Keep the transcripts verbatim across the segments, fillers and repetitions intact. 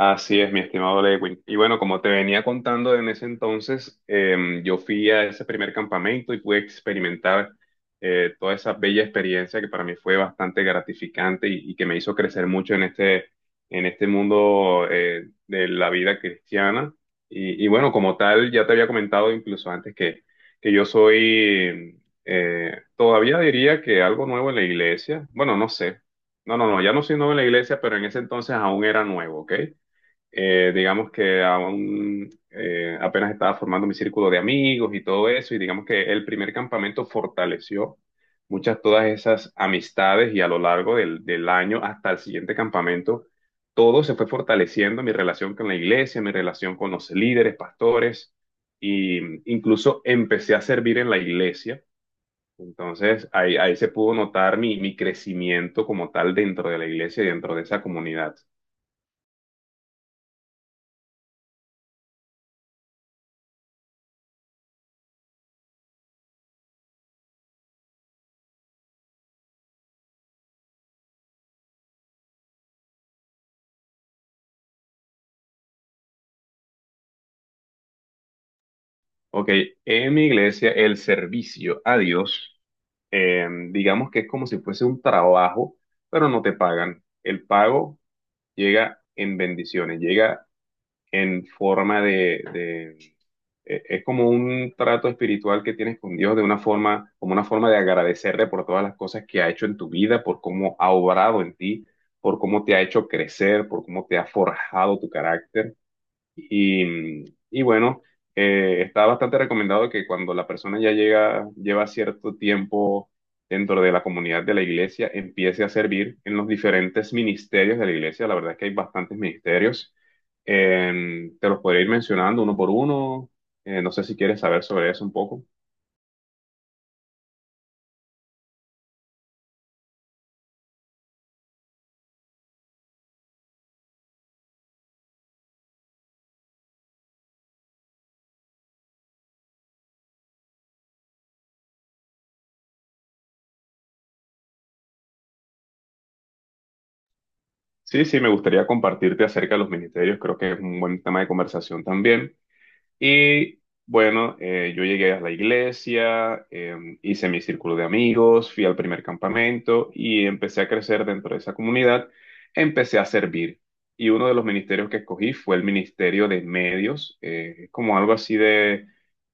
Así es, mi estimado Lewin. Y bueno, como te venía contando en ese entonces, em, yo fui a ese primer campamento y pude experimentar eh, toda esa bella experiencia que para mí fue bastante gratificante y, y que me hizo crecer mucho en este, en este mundo eh, de la vida cristiana. Y, y bueno, como tal, ya te había comentado incluso antes que, que yo soy, eh, todavía diría que algo nuevo en la iglesia. Bueno, no sé. No, no, no, ya no soy nuevo en la iglesia, pero en ese entonces aún era nuevo, ¿ok? Eh, digamos que aún eh, apenas estaba formando mi círculo de amigos y todo eso, y digamos que el primer campamento fortaleció muchas todas esas amistades y a lo largo del, del año hasta el siguiente campamento, todo se fue fortaleciendo, mi relación con la iglesia, mi relación con los líderes, pastores, y incluso empecé a servir en la iglesia. Entonces ahí, ahí se pudo notar mi, mi crecimiento como tal dentro de la iglesia y dentro de esa comunidad. Ok, en mi iglesia el servicio a Dios, eh, digamos que es como si fuese un trabajo, pero no te pagan. El pago llega en bendiciones, llega en forma de, de- eh, Es como un trato espiritual que tienes con Dios de una forma, como una forma de agradecerle por todas las cosas que ha hecho en tu vida, por cómo ha obrado en ti, por cómo te ha hecho crecer, por cómo te ha forjado tu carácter. Y, y bueno, eh, está bastante recomendado que cuando la persona ya llega, lleva cierto tiempo dentro de la comunidad de la iglesia, empiece a servir en los diferentes ministerios de la iglesia. La verdad es que hay bastantes ministerios. Eh, te los podría ir mencionando uno por uno. Eh, no sé si quieres saber sobre eso un poco. Sí, sí, me gustaría compartirte acerca de los ministerios. Creo que es un buen tema de conversación también. Y bueno, eh, yo llegué a la iglesia, em, hice mi círculo de amigos, fui al primer campamento y empecé a crecer dentro de esa comunidad. Empecé a servir. Y uno de los ministerios que escogí fue el Ministerio de Medios, eh, como algo así de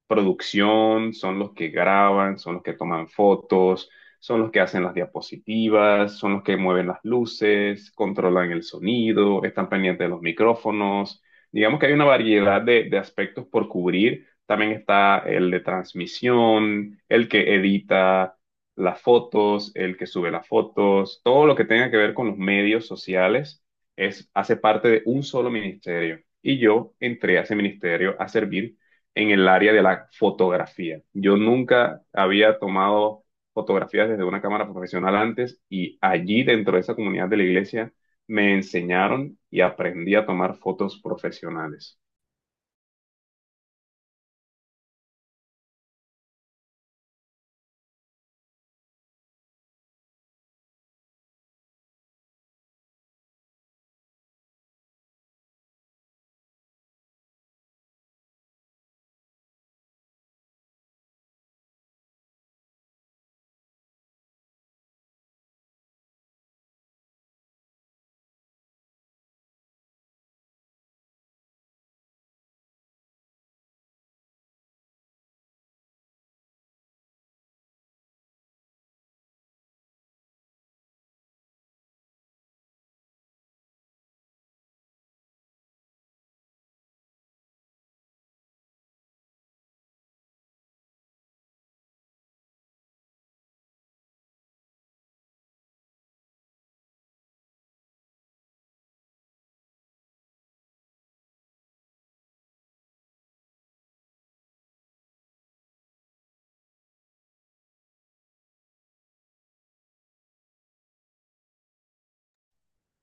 producción, son los que graban, son los que toman fotos, son los que hacen las diapositivas, son los que mueven las luces, controlan el sonido, están pendientes de los micrófonos. Digamos que hay una variedad de, de aspectos por cubrir. También está el de transmisión, el que edita las fotos, el que sube las fotos, todo lo que tenga que ver con los medios sociales es, hace parte de un solo ministerio. Y yo entré a ese ministerio a servir en el área de la fotografía. Yo nunca había tomado fotografías desde una cámara profesional antes y allí dentro de esa comunidad de la iglesia me enseñaron y aprendí a tomar fotos profesionales.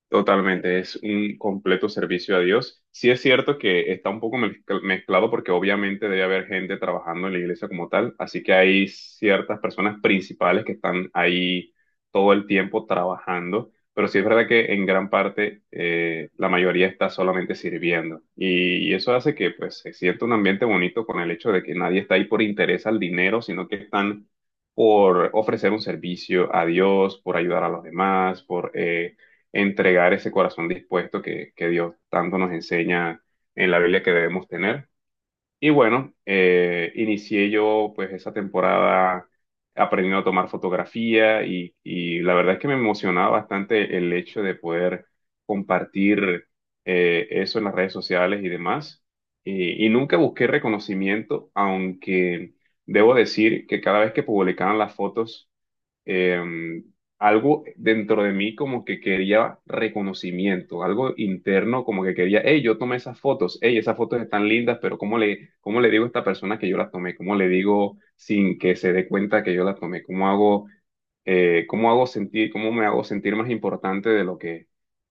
Totalmente, es un completo servicio a Dios. Sí es cierto que está un poco mezcl- mezclado porque obviamente debe haber gente trabajando en la iglesia como tal, así que hay ciertas personas principales que están ahí todo el tiempo trabajando, pero sí es verdad que en gran parte eh, la mayoría está solamente sirviendo y, y eso hace que pues se sienta un ambiente bonito con el hecho de que nadie está ahí por interés al dinero, sino que están por ofrecer un servicio a Dios, por ayudar a los demás, por... eh, entregar ese corazón dispuesto que, que Dios tanto nos enseña en la Biblia que debemos tener. Y bueno, eh, inicié yo pues esa temporada aprendiendo a tomar fotografía y, y la verdad es que me emocionaba bastante el hecho de poder compartir eh, eso en las redes sociales y demás. Y, y nunca busqué reconocimiento, aunque debo decir que cada vez que publicaban las fotos, eh, algo dentro de mí como que quería reconocimiento, algo interno como que quería, hey, yo tomé esas fotos, hey, esas fotos están lindas, pero ¿cómo le, cómo le digo a esta persona que yo las tomé? ¿Cómo le digo sin que se dé cuenta que yo las tomé? ¿Cómo hago, eh, cómo hago sentir, cómo me hago sentir más importante de lo que,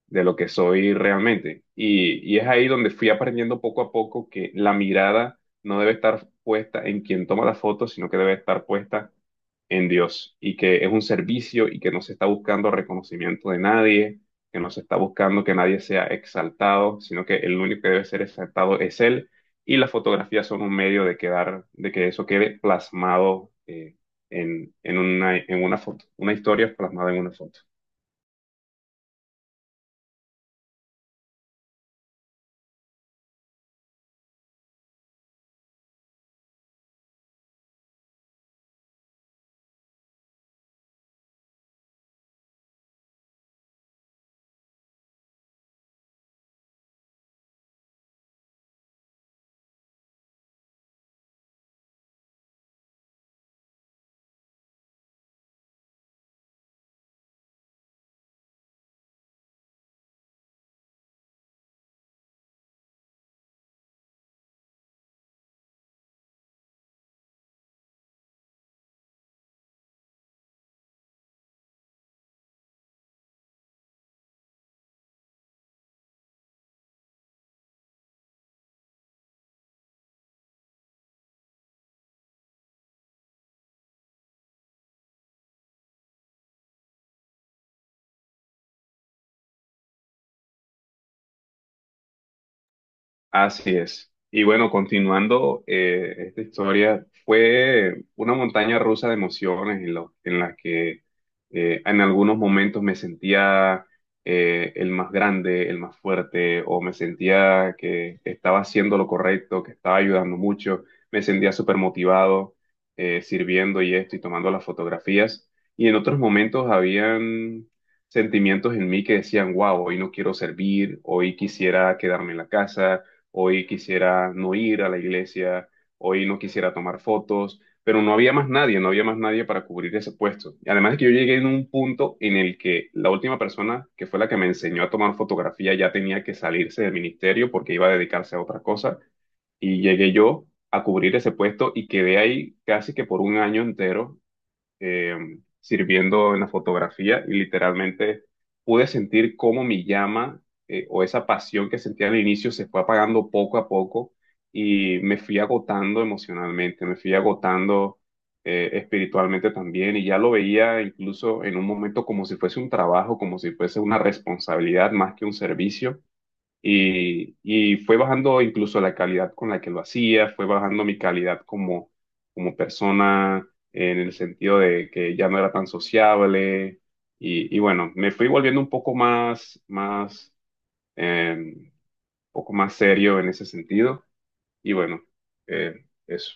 de lo que soy realmente? Y, y es ahí donde fui aprendiendo poco a poco que la mirada no debe estar puesta en quien toma las fotos, sino que debe estar puesta en Dios y que es un servicio y que no se está buscando reconocimiento de nadie, que no se está buscando que nadie sea exaltado, sino que el único que debe ser exaltado es Él y las fotografías son un medio de quedar, de que eso quede plasmado eh, en, en una, en una foto, una historia plasmada en una foto. Así es. Y bueno, continuando eh, esta historia, fue una montaña rusa de emociones en, lo- en la que eh, en algunos momentos me sentía eh, el más grande, el más fuerte, o me sentía que estaba haciendo lo correcto, que estaba ayudando mucho, me sentía súper motivado eh, sirviendo y esto y tomando las fotografías. Y en otros momentos habían sentimientos en mí que decían, wow, hoy no quiero servir, hoy quisiera quedarme en la casa, hoy quisiera no ir a la iglesia, hoy no quisiera tomar fotos, pero no había más nadie, no había más nadie para cubrir ese puesto. Y además es que yo llegué en un punto en el que la última persona que fue la que me enseñó a tomar fotografía ya tenía que salirse del ministerio porque iba a dedicarse a otra cosa y llegué yo a cubrir ese puesto y quedé ahí casi que por un año entero eh, sirviendo en la fotografía y literalmente pude sentir cómo mi llama, eh, o esa pasión que sentía al inicio, se fue apagando poco a poco y me fui agotando emocionalmente, me fui agotando eh, espiritualmente también y ya lo veía incluso en un momento como si fuese un trabajo, como si fuese una responsabilidad más que un servicio. Y, y fue bajando incluso la calidad con la que lo hacía, fue bajando mi calidad como, como persona en el sentido de que ya no era tan sociable. Y, y bueno, me fui volviendo un poco más, más, eh, un poco más serio en ese sentido. Y bueno, eh, eso.